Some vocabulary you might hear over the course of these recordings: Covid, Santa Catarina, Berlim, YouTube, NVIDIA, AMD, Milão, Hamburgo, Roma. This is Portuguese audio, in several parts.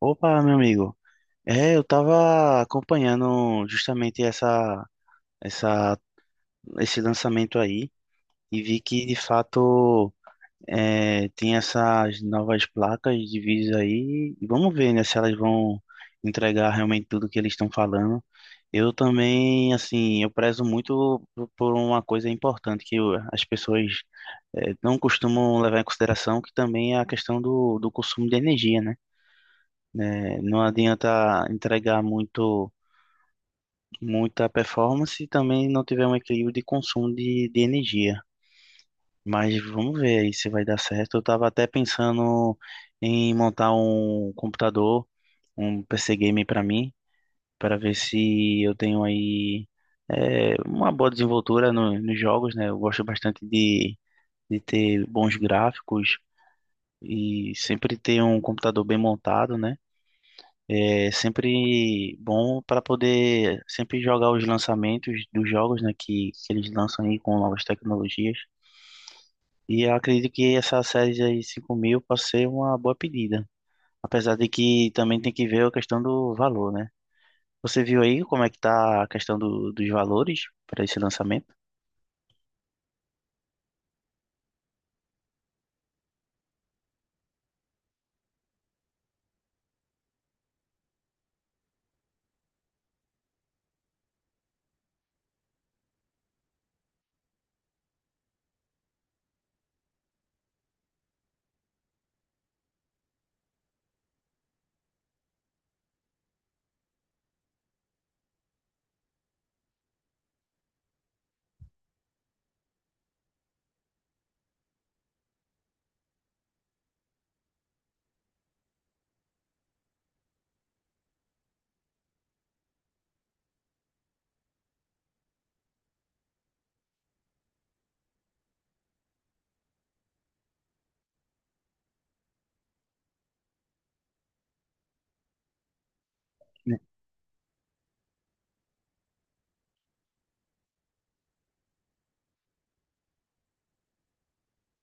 Opa, meu amigo. Eu tava acompanhando justamente essa, esse lançamento aí e vi que de fato tem essas novas placas de vídeo aí. E vamos ver, né, se elas vão entregar realmente tudo que eles estão falando. Eu também, assim, eu prezo muito por uma coisa importante que eu- as pessoas não costumam levar em consideração, que também é a questão do consumo de energia, né? Né, não adianta entregar muito. Muita performance e também não tiver um equilíbrio de consumo de energia. Mas vamos ver aí se vai dar certo. Eu estava até pensando em montar um computador, um PC game para mim, para ver se eu tenho aí uma boa desenvoltura nos jogos, né? Eu gosto bastante de ter bons gráficos e sempre ter um computador bem montado, né? É sempre bom para poder sempre jogar os lançamentos dos jogos, né, que eles lançam aí com novas tecnologias. E eu acredito que essa série aí 5000 pode ser uma boa pedida. Apesar de que também tem que ver a questão do valor, né? Você viu aí como é que tá a questão dos valores para esse lançamento?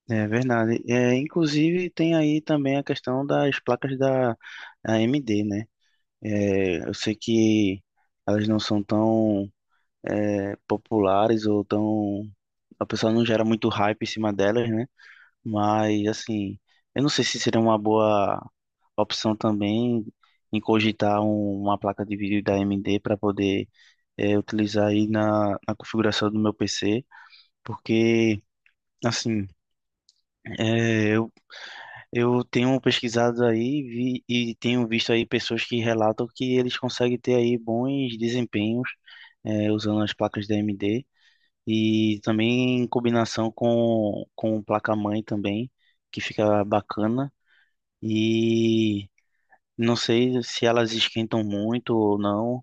É verdade. É, inclusive tem aí também a questão das placas da AMD, né? É, eu sei que elas não são tão populares ou tão. A pessoa não gera muito hype em cima delas, né? Mas, assim, eu não sei se seria uma boa opção também em cogitar uma placa de vídeo da AMD para poder utilizar aí na configuração do meu PC, porque, assim, é, eu, eu tenho pesquisado aí e tenho visto aí pessoas que relatam que eles conseguem ter aí bons desempenhos usando as placas da AMD. E também em combinação com o placa-mãe também, que fica bacana. E não sei se elas esquentam muito ou não,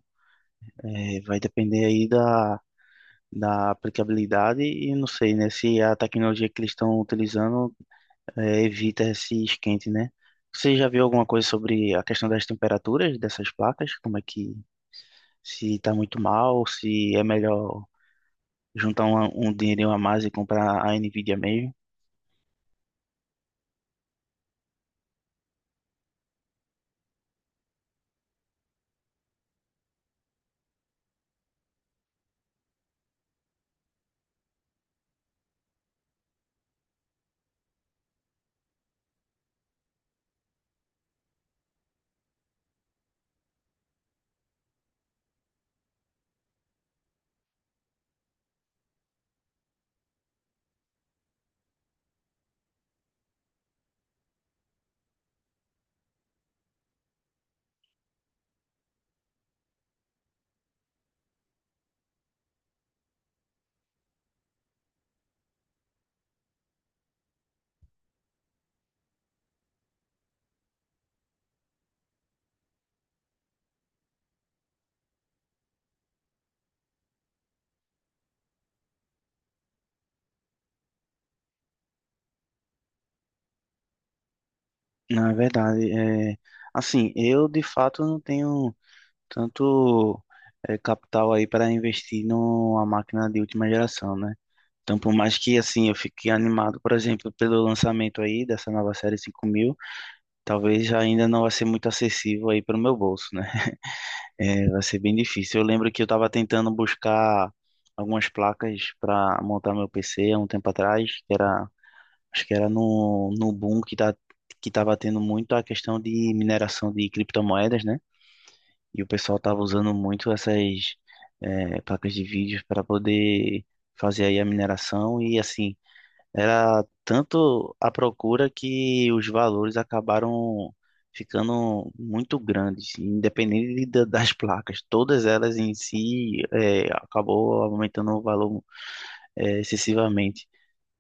vai depender aí da aplicabilidade e não sei, né, se a tecnologia que eles estão utilizando evita esse esquente, né? Você já viu alguma coisa sobre a questão das temperaturas dessas placas? Como é que, se está muito mal, se é melhor juntar um dinheirinho a mais e comprar a NVIDIA mesmo? Não, é verdade. É, assim, eu de fato não tenho tanto capital aí para investir numa máquina de última geração, né? Então, por mais que assim eu fique animado, por exemplo, pelo lançamento aí dessa nova série 5000, talvez já ainda não vai ser muito acessível aí para o meu bolso, né? É, vai ser bem difícil. Eu lembro que eu estava tentando buscar algumas placas para montar meu PC há um tempo atrás, que era. Acho que era no boom que tá, que tava tendo muito a questão de mineração de criptomoedas, né? E o pessoal tava usando muito essas placas de vídeos para poder fazer aí a mineração e assim, era tanto a procura que os valores acabaram ficando muito grandes, independente das placas. Todas elas em si acabou aumentando o valor excessivamente.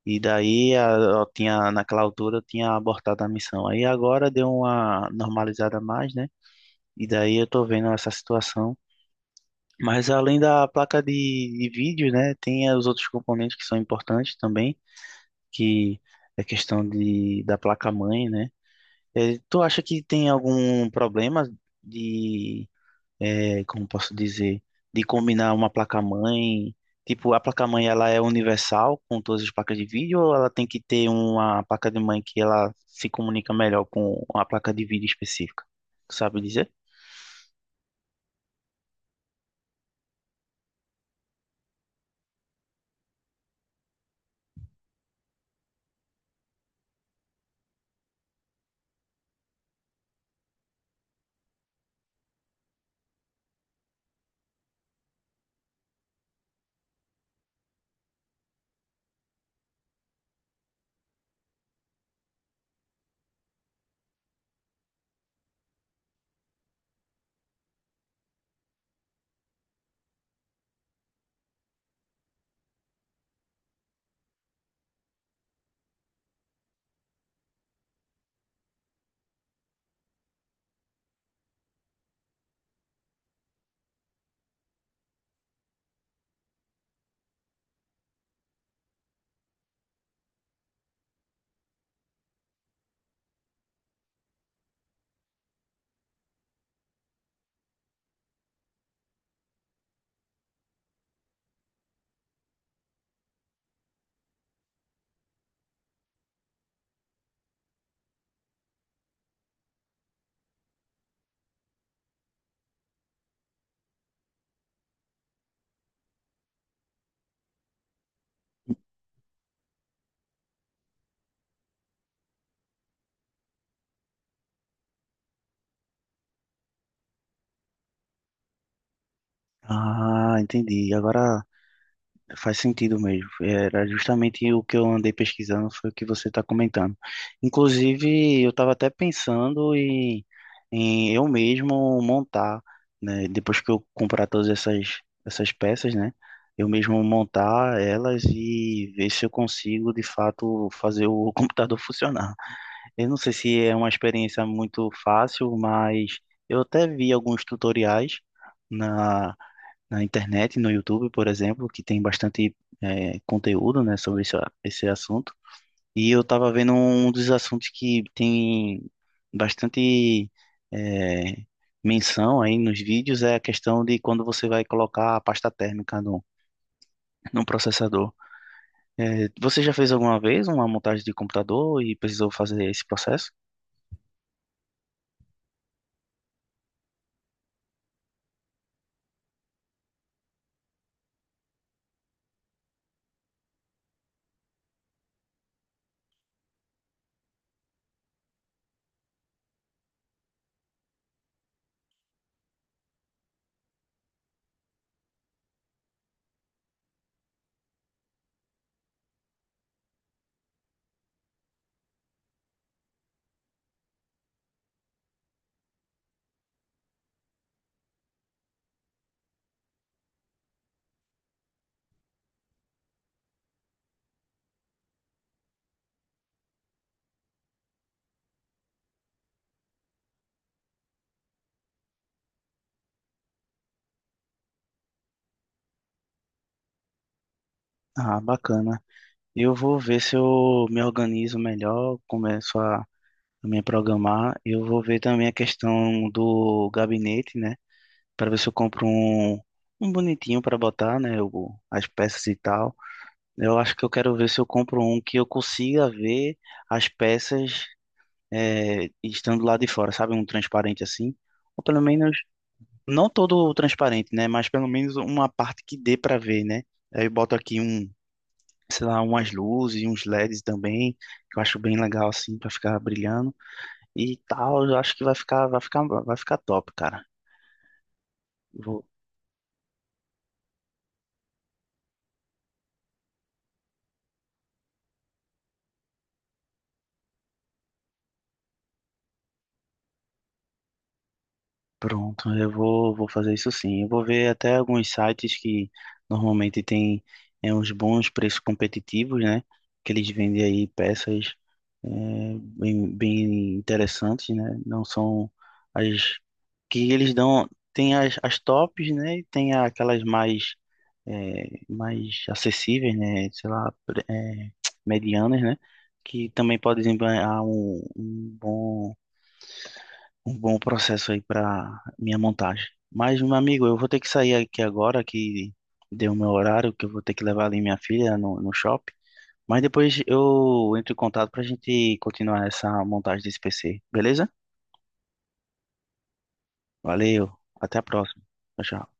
E daí eu tinha, naquela altura eu tinha abortado a missão. Aí agora deu uma normalizada a mais, né? E daí eu tô vendo essa situação. Mas além da placa de vídeo, né? Tem os outros componentes que são importantes também, que é questão da placa-mãe, né? Tu acha que tem algum problema de como posso dizer, de combinar uma placa-mãe. Tipo, a placa-mãe ela é universal com todas as placas de vídeo ou ela tem que ter uma placa de mãe que ela se comunica melhor com a placa de vídeo específica? Tu sabe dizer? Ah, entendi. Agora faz sentido mesmo. Era justamente o que eu andei pesquisando, foi o que você está comentando. Inclusive, eu estava até pensando em eu mesmo montar, né? Depois que eu comprar essas peças, né? Eu mesmo montar elas e ver se eu consigo, de fato, fazer o computador funcionar. Eu não sei se é uma experiência muito fácil, mas eu até vi alguns tutoriais na na internet, no YouTube, por exemplo, que tem bastante conteúdo, né, sobre esse assunto. E eu estava vendo um dos assuntos que tem bastante é, menção aí nos vídeos é a questão de quando você vai colocar a pasta térmica no processador. É, você já fez alguma vez uma montagem de computador e precisou fazer esse processo? Ah, bacana. Eu vou ver se eu me organizo melhor, começo a me programar. Eu vou ver também a questão do gabinete, né? Para ver se eu compro um bonitinho para botar, né? O- as peças e tal. Eu acho que eu quero ver se eu compro um que eu consiga ver as peças estando lá de fora, sabe? Um transparente assim. Ou pelo menos, não todo transparente, né? Mas pelo menos uma parte que dê para ver, né? Aí eu boto aqui um, sei lá, umas luzes, uns LEDs também, que eu acho bem legal assim, para ficar brilhando e tal, eu acho que vai ficar, vai ficar, vai ficar top, cara. Vou, Pronto, vou fazer isso sim. Eu vou ver até alguns sites que normalmente tem uns bons preços competitivos, né? Que eles vendem aí peças é, bem, bem interessantes, né? Não são as que eles dão. Tem as, as tops, né? E tem aquelas mais, mais acessíveis, né? Sei lá, medianas, né? Que também podem desempenhar um bom processo aí para minha montagem. Mas, meu amigo, eu vou ter que sair aqui agora, que deu o meu horário, que eu vou ter que levar ali minha filha no shopping. Mas depois eu entro em contato para a gente continuar essa montagem desse PC, beleza? Valeu, até a próxima. Tchau, tchau.